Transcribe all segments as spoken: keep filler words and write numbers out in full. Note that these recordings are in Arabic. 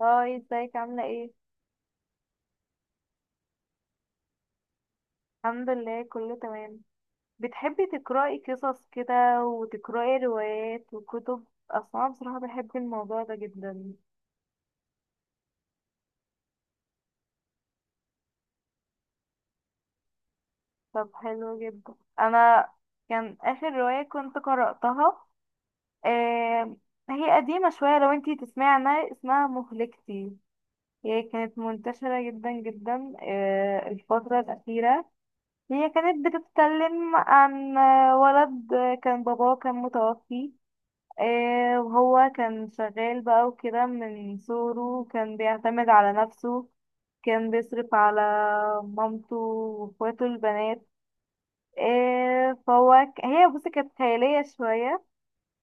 هاي، ازيك؟ عاملة ايه؟ الحمد لله كله تمام. بتحبي تقرأي قصص كده وتقرأي روايات وكتب؟ اصلا بصراحة بحب الموضوع ده جدا. طب حلو جدا. انا كان اخر رواية كنت قرأتها، آه هي قديمة شوية، لو انتي تسمعي عنها، اسمها مهلكتي. هي كانت منتشرة جدا جدا آه الفترة الأخيرة. هي كانت بتتكلم عن آه، ولد آه، كان باباه كان متوفي. آه، وهو كان شغال بقى وكده، من صغره كان بيعتمد على نفسه. كان بيصرف على مامته واخواته البنات. آه، فهو ك- هي بصي كانت خيالية شوية.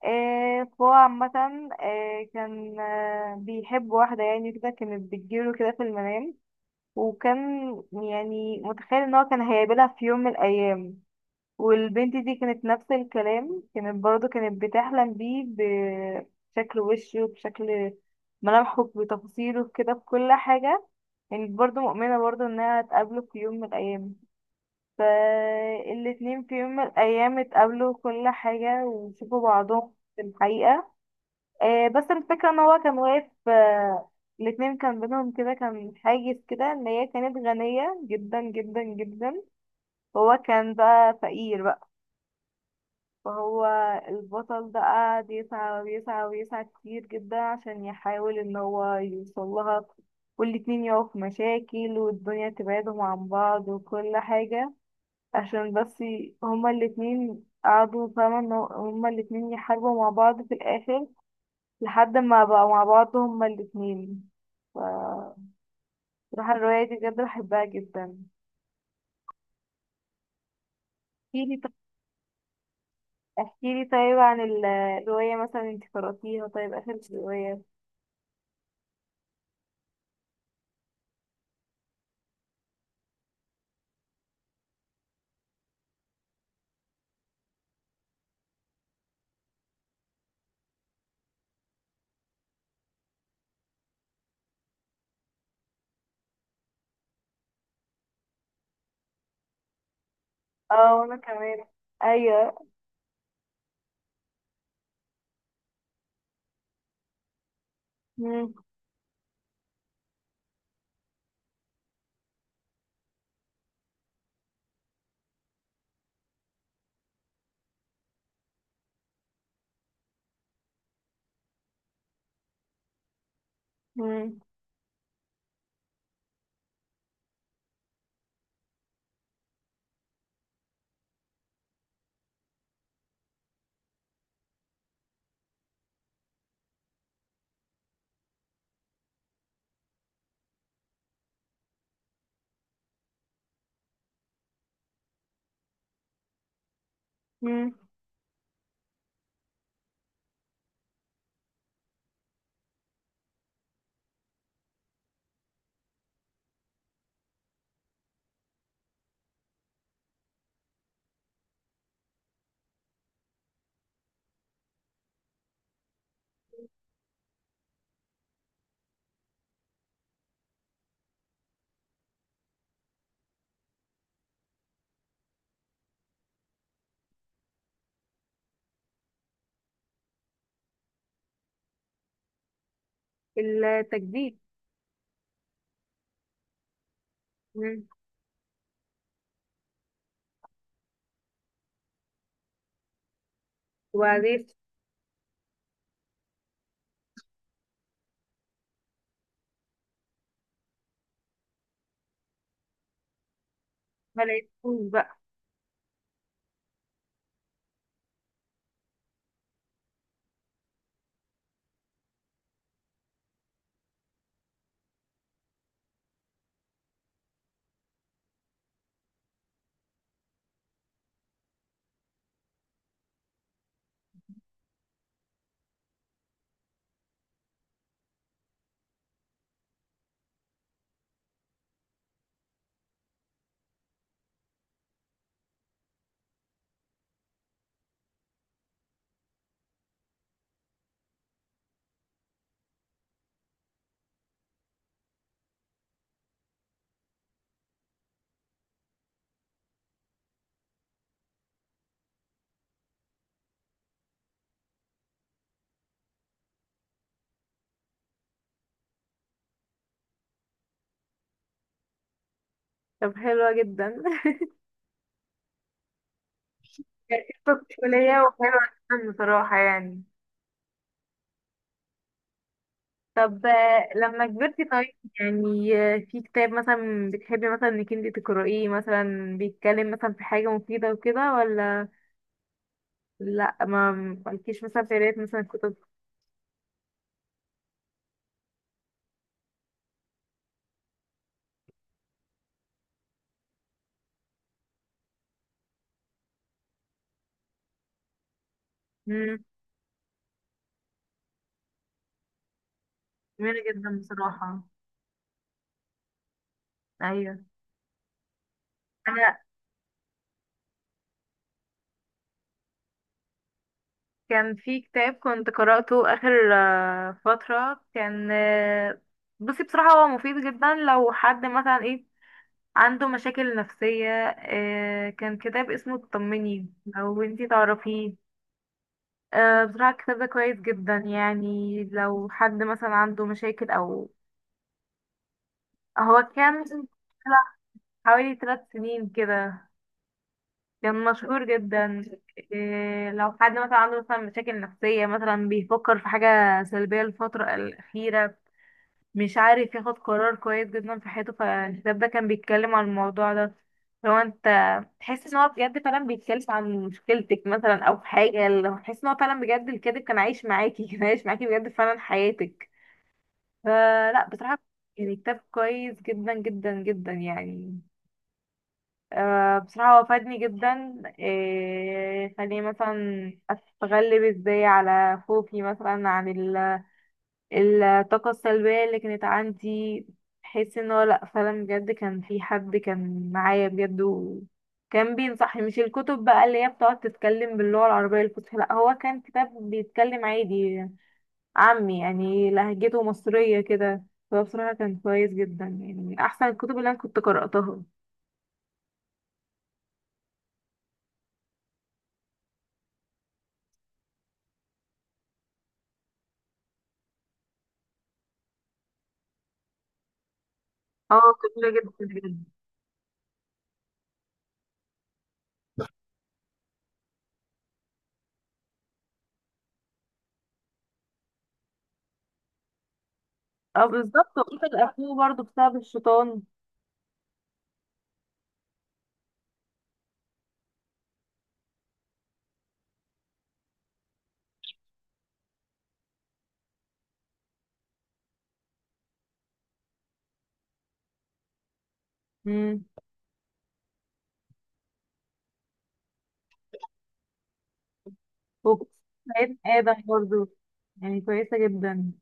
آه، فهو عامة، آه، كان آه، بيحب واحدة يعني كده، كانت بتجيله كده في المنام، وكان يعني متخيل ان هو كان هيقابلها في يوم من الأيام. والبنت دي كانت نفس الكلام، كانت برضو كانت بتحلم بيه، بشكل وشه، بشكل ملامحه، بتفاصيله كده بكل حاجة. كانت برضو مؤمنة برضو انها هتقابله في يوم من الأيام. فالاتنين في يوم من الأيام اتقابلوا كل حاجة وشوفوا بعضهم في الحقيقة. آه، بس الفكرة ان هو كان واقف، آه، الاتنين كان بينهم كده كان حاجز كده، ان هي كانت غنية جدا جدا جدا وهو كان بقى فقير بقى. فهو البطل ده قعد يسعى ويسعى ويسعى كتير جدا عشان يحاول ان هو يوصل لها، والاتنين يقعوا في مشاكل والدنيا تبعدهم عن بعض وكل حاجة، عشان بس ي- هما الاتنين قعدوا فاهمة ان هو- هما الاتنين يحاربوا مع بعض في الآخر، لحد ما بقوا مع بعض هما الاتنين. ف- بصراحة الرواية دي بجد بحبها جدا. احكيلي طيب. احكيلي طيب عن ال- الرواية، مثلا انت قرأتيها طيب آخر رواية؟ اه، وانا كمان. ايوه. مم. مم. مم. التجديد. مم. وبعدين؟ ما لقيتهوش بقى. طب حلوة جدا. كانت قصة طفولية وحلوة جدا بصراحة يعني. طب آه، لما كبرتي طيب، يعني آه، في كتاب مثلا بتحبي مثلا انك انتي تقرأيه، مثلا بيتكلم مثلا في حاجة مفيدة وكده، ولا لا، ما مالكيش مثلا في قراية مثلا كتب؟ مم. جميلة جدا بصراحة. ايوه. انا كان في كتاب كنت قرأته آخر آه، فترة، كان آه، بصي بصراحة هو مفيد جدا لو حد مثلا ايه، عنده مشاكل نفسية. آه، كان كتاب اسمه اطمني، لو انتي تعرفيه. آه، بصراحة الكتاب ده كويس جدا يعني، لو حد مثلا عنده مشاكل او. هو كان طلع حوالي تلات سنين كده، كان مشهور جدا. إيه، لو حد مثلا عنده مثلا مشاكل نفسية، مثلا بيفكر في حاجة سلبية الفترة الأخيرة، مش عارف ياخد قرار كويس جدا في حياته، فالكتاب ده كان بيتكلم عن الموضوع ده. لو انت تحس ان هو بجد فعلا بيتكلم عن مشكلتك مثلا او حاجة، لو تحس ان هو فعلا بجد الكاتب كان عايش معاكي، كان عايش معاكي بجد فعلا حياتك. فلا بصراحة يعني كتاب كويس جدا جدا جدا يعني. آه، بصراحة هو فادني جدا، آه، خليني مثلا أتغلب ازاي على خوفي مثلا، عن الطاقة السلبية اللي كانت عندي. بحس ان هو لأ فعلا بجد كان في حد كان معايا بجد وكان بينصحني، مش الكتب بقى اللي هي بتقعد تتكلم باللغة العربية الفصحى، لأ هو كان كتاب بيتكلم عادي عامي، يعني لهجته مصرية كده. فهو بصراحة كان كويس جدا، يعني من أحسن الكتب اللي أنا كنت قرأتها. اه. جميلة جدا بجد. اه بالظبط، وقتل أخوه برضه بسبب الشيطان. مم. وكنت، سيدنا آدم برضه يعني كويسة جدا.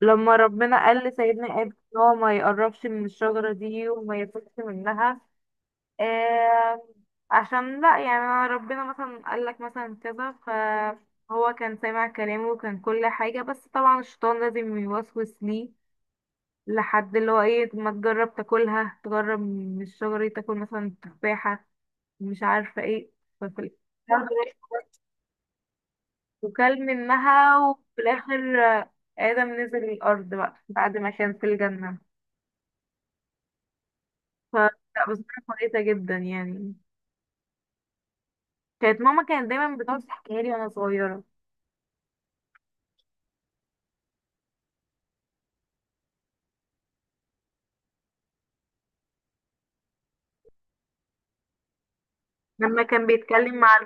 لما ربنا قال لسيدنا آدم ان هو ما يقربش من الشجرة دي وما ياكلش منها، آه عشان لا، يعني ربنا مثلا قال لك مثلا كذا فهو كان سامع كلامه وكان كل حاجة، بس طبعا الشيطان لازم يوسوس ليه، لحد اللي هو ايه، ما تجرب تاكلها، تجرب من الشجرة دي، تاكل مثلا تفاحة، مش عارفة ايه. ففي الآخر وكل منها، وفي الآخر آدم نزل الأرض بقى بعد ما كان في الجنة. ف لا بصراحة كويسة جدا يعني. كانت ماما كانت دايما بتقعد تحكيها لي وانا صغيرة. لما كان بيتكلم مع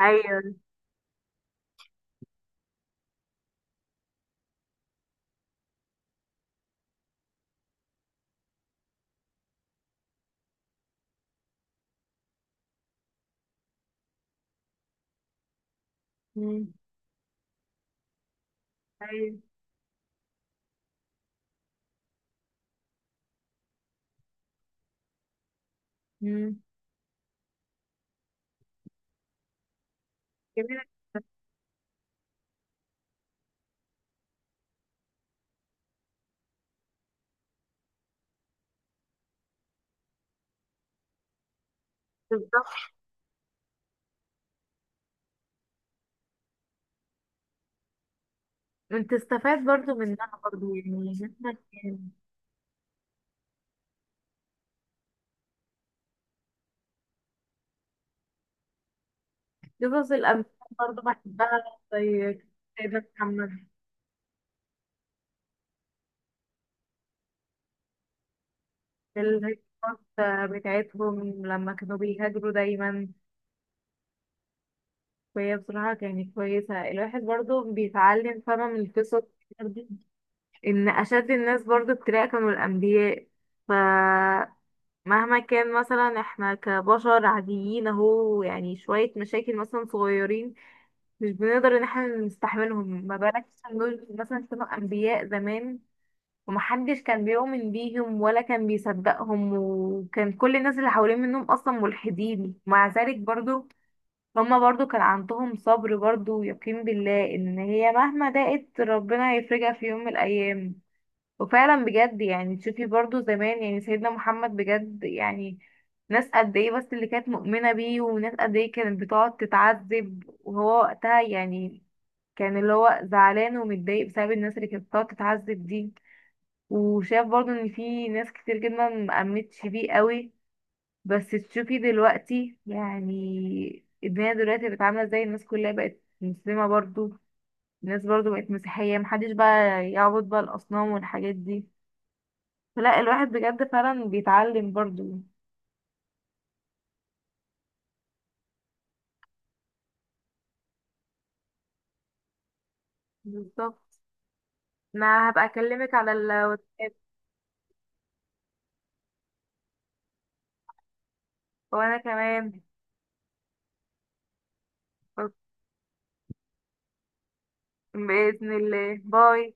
المحايل. مم. أيوة. مم. جميلة. بالظبط، انت استفاد برضو منها برضو يعني جدا يعني. قصص الأمثال برضو بحبها، زي سيدنا محمد، القصص بتاعتهم لما كانوا بيهاجروا دايما. وهي بصراحة كانت كويسة، الواحد برضو بيتعلم فما من القصص، ان اشد الناس برضو ابتلاء كانوا الانبياء. فمهما كان مثلا احنا كبشر عاديين اهو يعني شوية مشاكل مثلا صغيرين مش بنقدر ان احنا نستحملهم، ما بالك مثلا دول مثلا كانوا انبياء زمان، ومحدش كان بيؤمن بيهم ولا كان بيصدقهم، وكان كل الناس اللي حوالين منهم اصلا ملحدين. مع ذلك برضو هما برضو كان عندهم صبر برضو ويقين بالله ان هي مهما ضاقت ربنا هيفرجها في يوم من الايام. وفعلا بجد يعني تشوفي برضو زمان يعني سيدنا محمد بجد يعني ناس قد ايه بس اللي كانت مؤمنة بيه، وناس قد ايه كانت بتقعد تتعذب، وهو وقتها يعني كان اللي هو زعلان ومتضايق بسبب الناس اللي كانت بتقعد تتعذب دي. وشاف برضو ان في ناس كتير جدا مأمنتش بيه قوي. بس تشوفي دلوقتي يعني الدنيا دلوقتي بقت عاملة ازاي، الناس كلها بقت مسلمة برضو، الناس برضو بقت مسيحية، محدش بقى يعبد بقى الأصنام والحاجات دي. لا الواحد بجد فعلا بيتعلم برضو. بالظبط. انا هبقى اكلمك على الواتساب. وانا كمان. أوك- بإذن الله، باي.